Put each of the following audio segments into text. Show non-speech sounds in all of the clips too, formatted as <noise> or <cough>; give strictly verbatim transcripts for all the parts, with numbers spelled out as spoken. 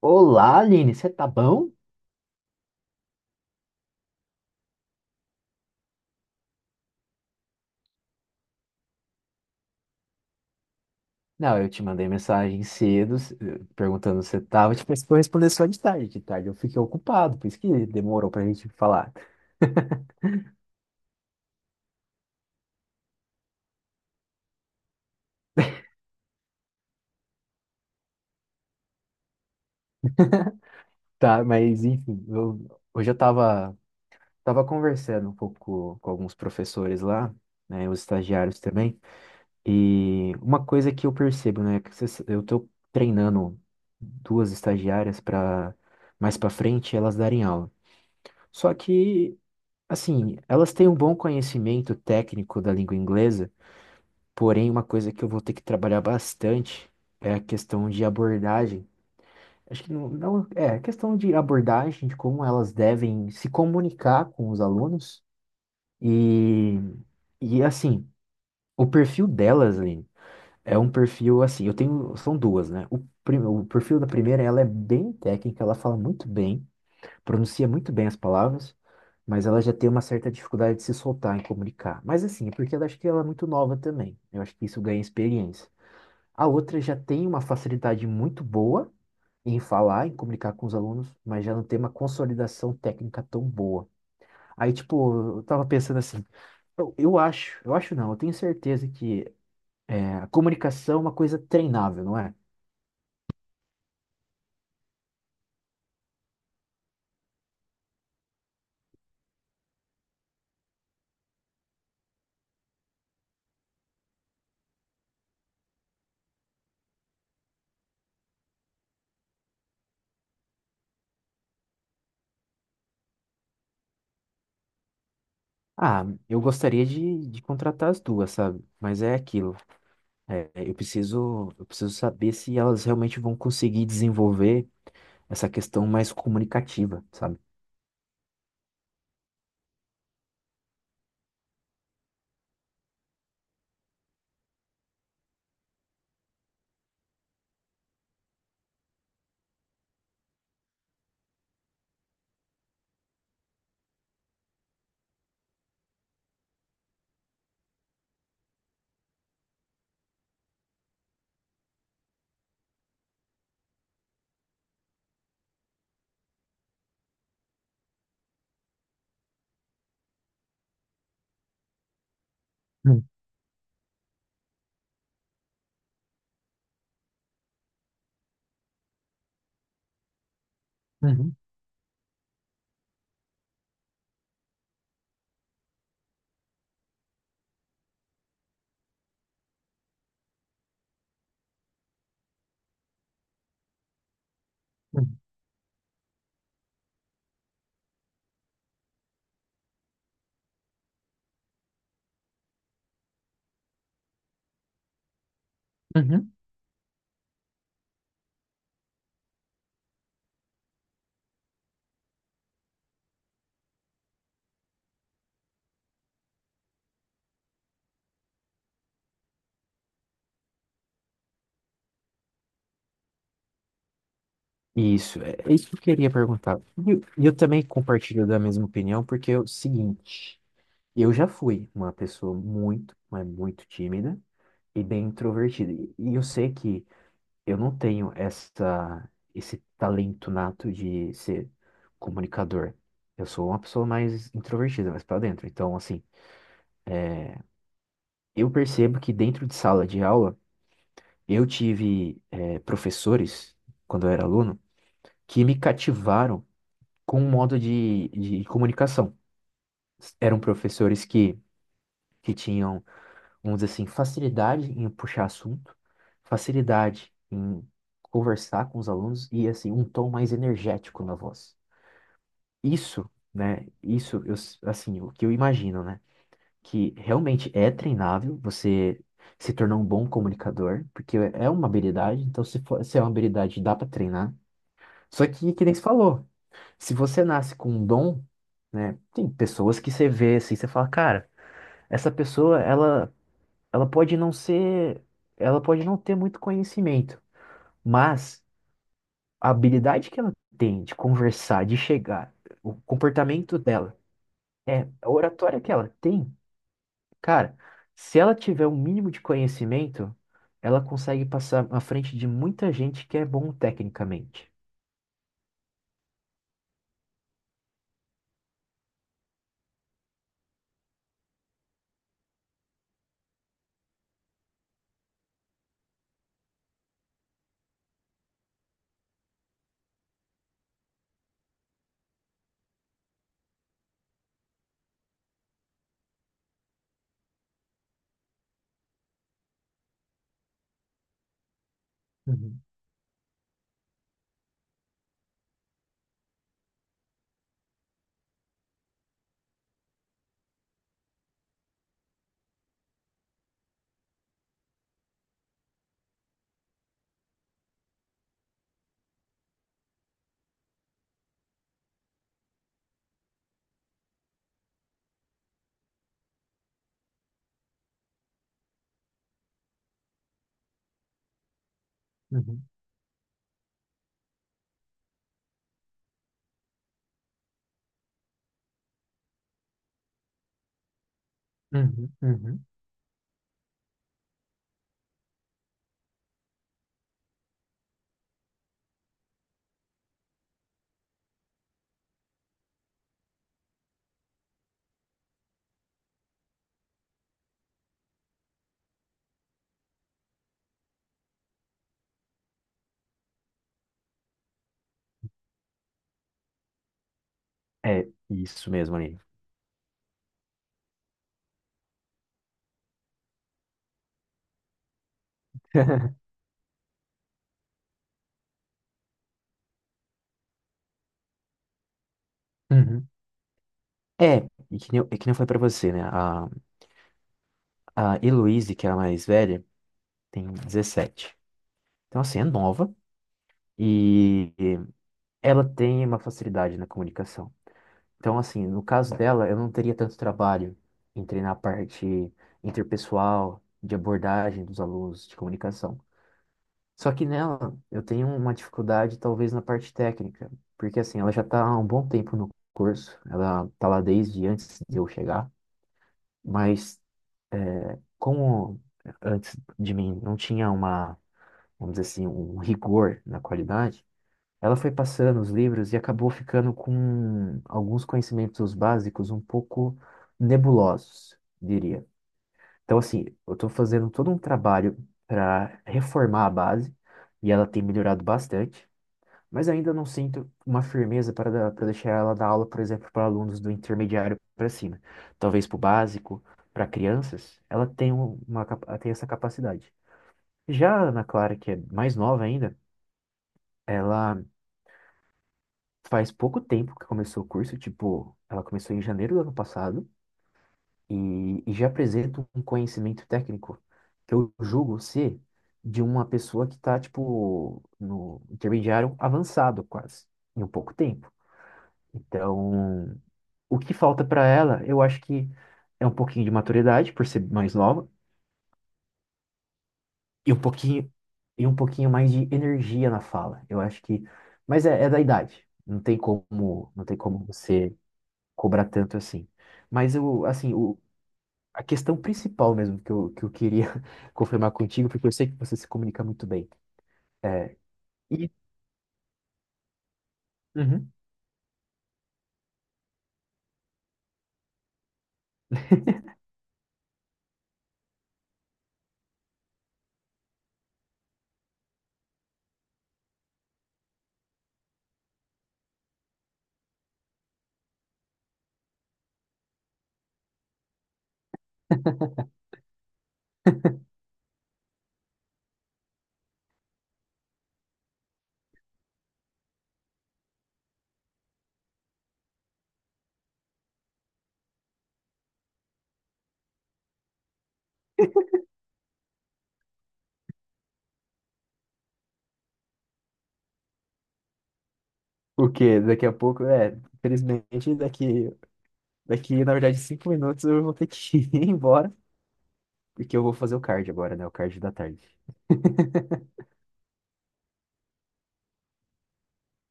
Olá, Aline, você tá bom? Não, eu te mandei mensagem cedo, se- perguntando se você tava, tipo, você foi responder só de tarde. De tarde eu fiquei ocupado, por isso que demorou pra gente falar. Tá, mas enfim, eu- hoje eu tava, tava conversando um pouco com alguns professores lá, né, os estagiários também, e uma coisa que eu percebo, né, que vocês- eu tô treinando duas estagiárias para mais pra frente elas darem aula. Só que, assim, elas têm um bom conhecimento técnico da língua inglesa, porém, uma coisa que eu vou ter que trabalhar bastante é a questão de abordagem. Acho que não, não é a questão de abordagem, de como elas devem se comunicar com os alunos. E, e assim, o perfil delas, Aline, é um perfil assim, eu tenho, são duas, né? O, prim- o perfil da primeira, ela é bem técnica, ela fala muito bem, pronuncia muito bem as palavras, mas ela já tem uma certa dificuldade de se soltar em comunicar. Mas assim, é porque ela, acho que ela é muito nova também. Eu acho que isso ganha experiência. A outra já tem uma facilidade muito boa em falar, em comunicar com os alunos, mas já não tem uma consolidação técnica tão boa. Aí, tipo, eu tava pensando assim, eu, eu acho, eu acho não, eu tenho certeza que é, a comunicação é uma coisa treinável, não é? Ah, eu gostaria de, de contratar as duas, sabe? Mas é aquilo. É, eu preciso, eu preciso saber se elas realmente vão conseguir desenvolver essa questão mais comunicativa, sabe? Hum. Uhum, uhum, uhum. Isso, é é isso que eu queria perguntar. E eu, e eu também compartilho da mesma opinião, porque é o seguinte, eu já fui uma pessoa muito, mas muito tímida e bem introvertida. E e eu sei que eu não tenho essa, esse talento nato de ser comunicador. Eu sou uma pessoa mais introvertida, mais para dentro. Então, assim, eu percebo que dentro de sala de aula, eu tive eh, professores, quando eu era aluno, que me cativaram com um modo de, de comunicação. Eram professores que, que tinham, vamos dizer assim, facilidade em puxar assunto, facilidade em conversar com os alunos e, assim, um tom mais energético na voz. Isso, né? Isso, eu, assim, o que eu imagino, né? Que realmente é treinável, você se tornar um bom comunicador, porque é uma habilidade, então se for, se é uma habilidade, dá para treinar. Só que, que nem você falou, se você nasce com um dom, né, tem pessoas que você vê assim, você fala, cara, essa pessoa, ela, ela pode não ser, ela pode não ter muito conhecimento, mas a habilidade que ela tem de conversar, de chegar, o comportamento dela, é, a oratória que ela tem. Cara, se ela tiver um mínimo de conhecimento, ela consegue passar à frente de muita gente que é bom tecnicamente. Uhum, uhum, uhum, uhum. É isso mesmo, Aline. <laughs> Uhum. É, e que nem, eu- e que nem eu falei pra você, né? A, a Heloise, que é a mais velha, tem dezessete. Então, assim, é nova e e ela tem uma facilidade na comunicação. Então, assim, no caso dela, eu não teria tanto trabalho em treinar a parte interpessoal, de abordagem dos alunos, de comunicação. Só que nela, eu tenho uma dificuldade, talvez, na parte técnica, porque, assim, ela já está há um bom tempo no curso, ela está lá desde antes de eu chegar, mas é, como antes de mim não tinha uma, vamos dizer assim, um rigor na qualidade, ela foi passando os livros e acabou ficando com alguns conhecimentos básicos um pouco nebulosos, diria. Então, assim, eu estou fazendo todo um trabalho para reformar a base e ela tem melhorado bastante, mas ainda não sinto uma firmeza para dar- para deixar ela dar aula, por exemplo, para alunos do intermediário para cima. Talvez para o básico, para crianças, ela tem uma, capa- ela tem essa capacidade. Já a Ana Clara, que é mais nova ainda, ela faz pouco tempo que começou o curso, tipo, ela começou em janeiro do ano passado e, e já apresenta um conhecimento técnico que eu julgo ser de uma pessoa que tá, tipo, no intermediário avançado quase, em um pouco tempo. Então, o que falta para ela, eu acho que é um pouquinho de maturidade, por ser mais nova, e um pouquinho, e um pouquinho mais de energia na fala. Eu acho que, mas é, é da idade. Não tem como, não tem como você cobrar tanto assim. Mas eu, assim, o, a questão principal mesmo que eu, que eu queria <laughs> confirmar contigo, porque eu sei que você se comunica muito bem. É, e uhum. O que daqui a pouco, é, infelizmente, daqui, daqui, na verdade, cinco minutos eu vou ter que <laughs> ir embora, porque eu vou fazer o card agora, né? O card da tarde.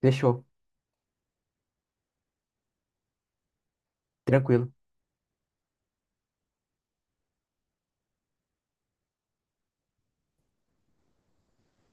Fechou. Tranquilo.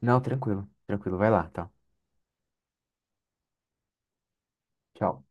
Não, tranquilo. Tranquilo. Vai lá, tá. Tchau.